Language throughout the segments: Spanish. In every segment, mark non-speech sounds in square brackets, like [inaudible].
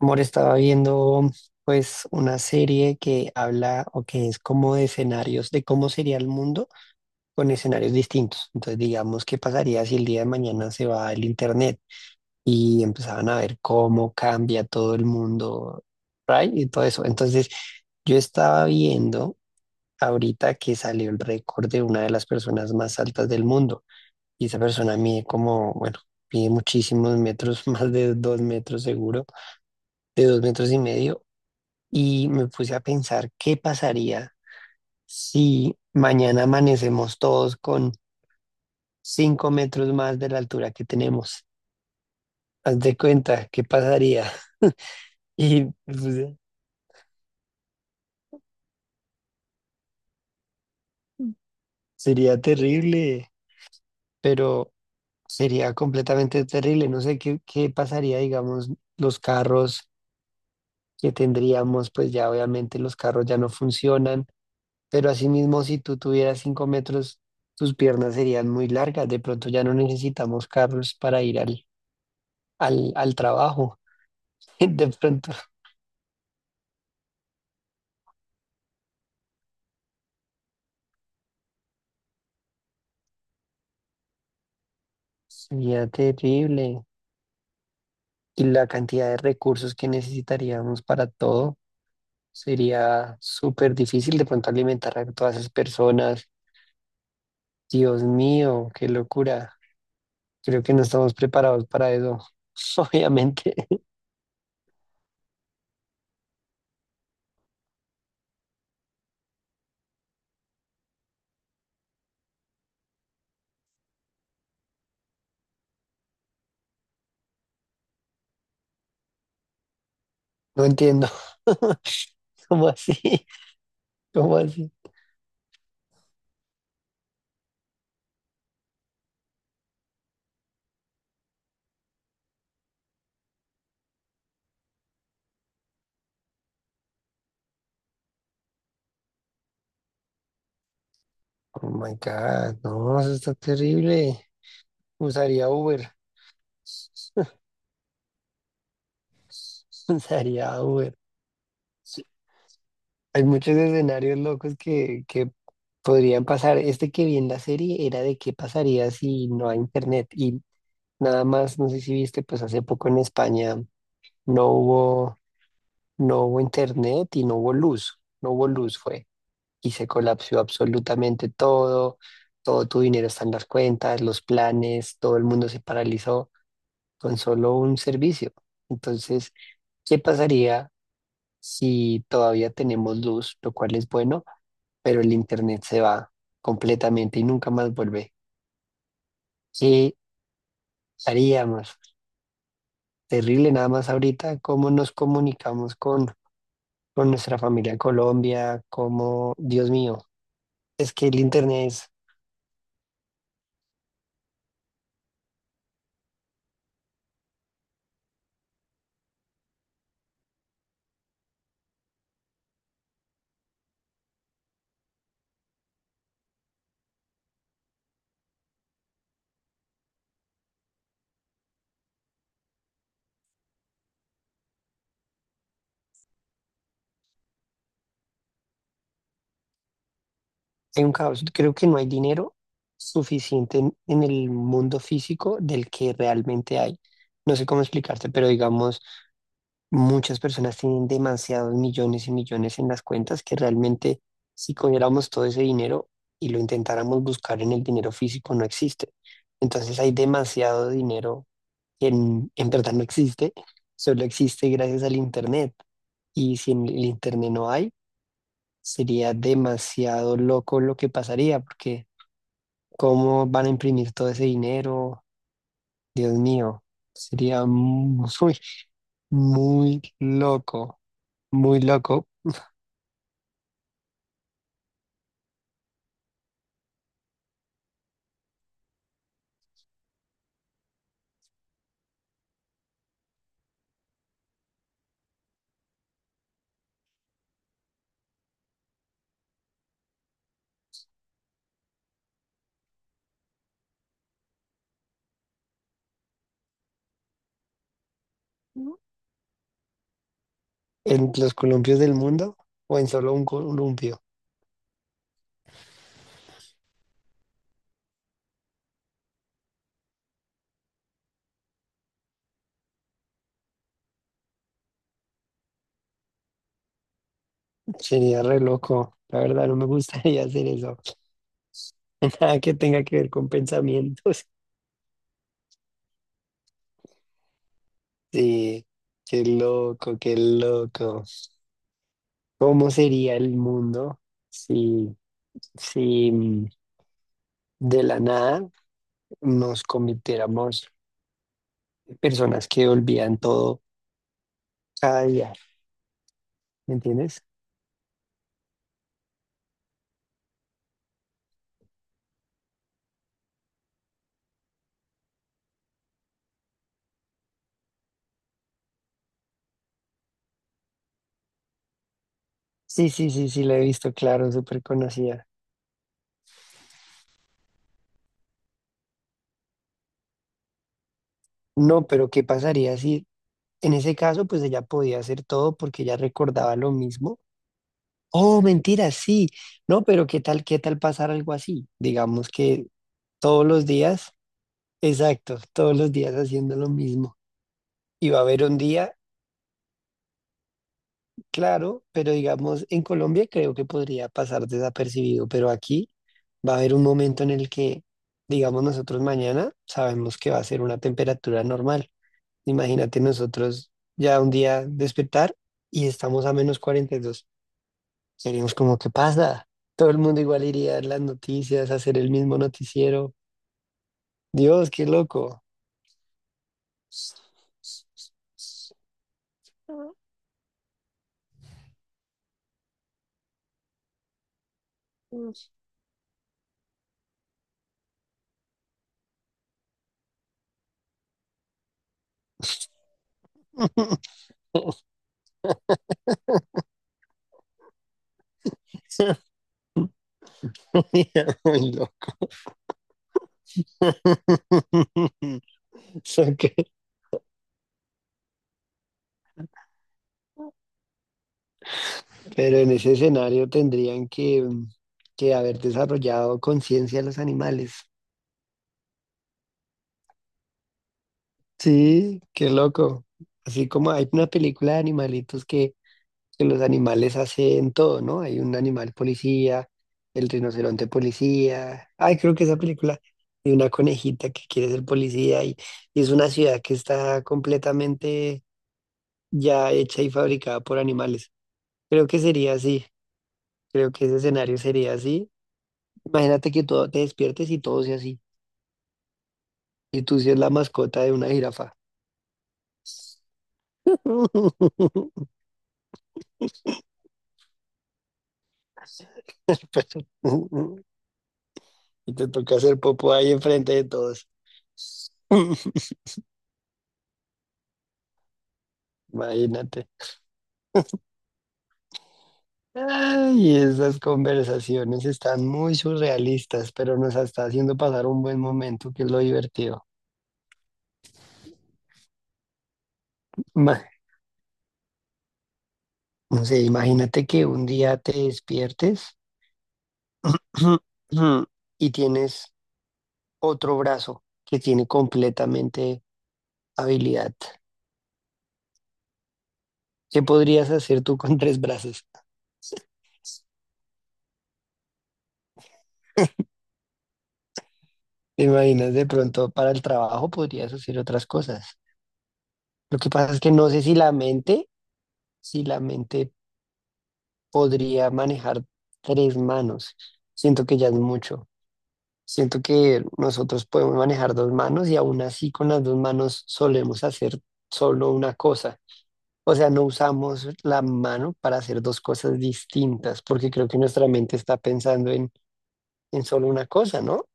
Amor, estaba viendo pues una serie que habla o que es como de escenarios de cómo sería el mundo con escenarios distintos. Entonces, digamos, ¿qué pasaría si el día de mañana se va el internet? Y empezaban a ver cómo cambia todo el mundo, right? Y todo eso. Entonces, yo estaba viendo ahorita que salió el récord de una de las personas más altas del mundo. Y esa persona mide como, bueno, mide muchísimos metros, [laughs] más de 2 metros seguro, de 2 metros y medio y me puse a pensar qué pasaría si mañana amanecemos todos con 5 metros más de la altura que tenemos. Haz de cuenta, ¿qué pasaría? [laughs] Y pues, sería terrible, pero sería completamente terrible. No sé qué pasaría, digamos, los carros que tendríamos, pues ya obviamente los carros ya no funcionan, pero asimismo si tú tuvieras 5 metros, tus piernas serían muy largas. De pronto ya no necesitamos carros para ir al al trabajo. [laughs] De pronto sería terrible. Y la cantidad de recursos que necesitaríamos para todo sería súper difícil de pronto alimentar a todas esas personas. Dios mío, qué locura. Creo que no estamos preparados para eso. [laughs] Obviamente, no entiendo. [laughs] ¿Cómo así? ¿Cómo así? Oh my God, no, eso está terrible. Usaría Uber. [laughs] Usaría Uber. Hay muchos escenarios locos que podrían pasar. Este que vi en la serie era de qué pasaría si no hay internet. Y nada más, no sé si viste, pues hace poco en España no hubo, no hubo internet y no hubo luz. No hubo luz fue. Y se colapsó absolutamente todo. Todo tu dinero está en las cuentas, los planes, todo el mundo se paralizó con solo un servicio. Entonces, ¿qué pasaría si todavía tenemos luz, lo cual es bueno? Pero el internet se va completamente y nunca más vuelve. ¿Qué haríamos? Terrible nada más ahorita, cómo nos comunicamos con, nuestra familia en Colombia, cómo, Dios mío, es que el internet es, hay un caos. Creo que no hay dinero suficiente en el mundo físico del que realmente hay. No sé cómo explicarte, pero digamos. Muchas personas tienen demasiados millones y millones en las cuentas que realmente si cogiéramos todo ese dinero y lo intentáramos buscar en el dinero físico no existe. Entonces hay demasiado dinero que en verdad no existe, solo existe gracias al Internet. Y si en el Internet no hay, sería demasiado loco lo que pasaría, porque ¿cómo van a imprimir todo ese dinero? Dios mío, sería muy, [laughs] muy loco. Muy loco, en los columpios del mundo o en solo un columpio. Sería re loco. La verdad, no me gustaría hacer eso. [laughs] Nada que tenga que ver con pensamientos. [laughs] Sí, qué loco, qué loco. ¿Cómo sería el mundo si, si de la nada nos convirtiéramos en personas que olvidan todo cada día? ¿Me entiendes? Sí, sí, sí, sí, la he visto, claro, súper conocida. No, pero ¿qué pasaría si en ese caso, pues ella podía hacer todo porque ella recordaba lo mismo? Oh, mentira, sí. No, pero qué tal pasar algo así? Digamos que todos los días, exacto, todos los días haciendo lo mismo. Y va a haber un día, claro, pero digamos, en Colombia creo que podría pasar desapercibido, pero aquí va a haber un momento en el que, digamos, nosotros mañana sabemos que va a ser una temperatura normal. Imagínate nosotros ya un día despertar y estamos a -42. Seríamos como, ¿qué pasa? Todo el mundo igual iría a ver las noticias, a hacer el mismo noticiero. Dios, qué loco. [laughs] Muy loco. [laughs] Ok. Pero en ese escenario tendrían que, haber desarrollado conciencia los animales. Sí, qué loco. Así como hay una película de animalitos que los animales hacen todo, ¿no? Hay un animal policía, el rinoceronte policía. Ay, creo que esa película de una conejita que quiere ser policía y es una ciudad que está completamente ya hecha y fabricada por animales. Creo que sería así. Creo que ese escenario sería así. Imagínate que todo te despiertes y todo sea así. Y tú seas la mascota de una jirafa. [laughs] Y te toca hacer popo ahí enfrente de todos. [laughs] Imagínate. Ay, esas conversaciones están muy surrealistas, pero nos está haciendo pasar un buen momento, que es lo divertido. Ma- no sé, imagínate que un día te despiertes [clears throat] y tienes otro brazo que tiene completamente habilidad. ¿Qué podrías hacer tú con tres brazos? ¿Te imaginas de pronto para el trabajo podrías hacer otras cosas? Lo que pasa es que no sé si la mente podría manejar tres manos. Siento que ya es mucho. Siento que nosotros podemos manejar dos manos y aún así con las dos manos solemos hacer solo una cosa. O sea, no usamos la mano para hacer dos cosas distintas, porque creo que nuestra mente está pensando en, solo una cosa, ¿no?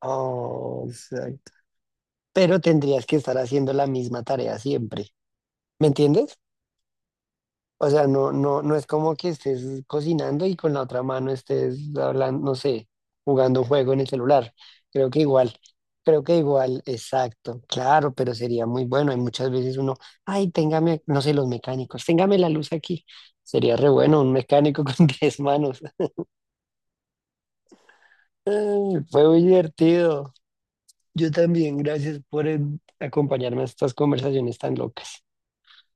Oh, exacto. Pero tendrías que estar haciendo la misma tarea siempre. ¿Me entiendes? O sea, no, no, no es como que estés cocinando y con la otra mano estés hablando, no sé, jugando un juego en el celular. Creo que igual, creo que igual, exacto, claro, pero sería muy bueno. Hay muchas veces uno, ay, téngame, no sé, los mecánicos, téngame la luz aquí. Sería re bueno un mecánico [laughs] con 10 manos. [laughs] Ay, fue muy divertido. Yo también, gracias por acompañarme a estas conversaciones tan locas.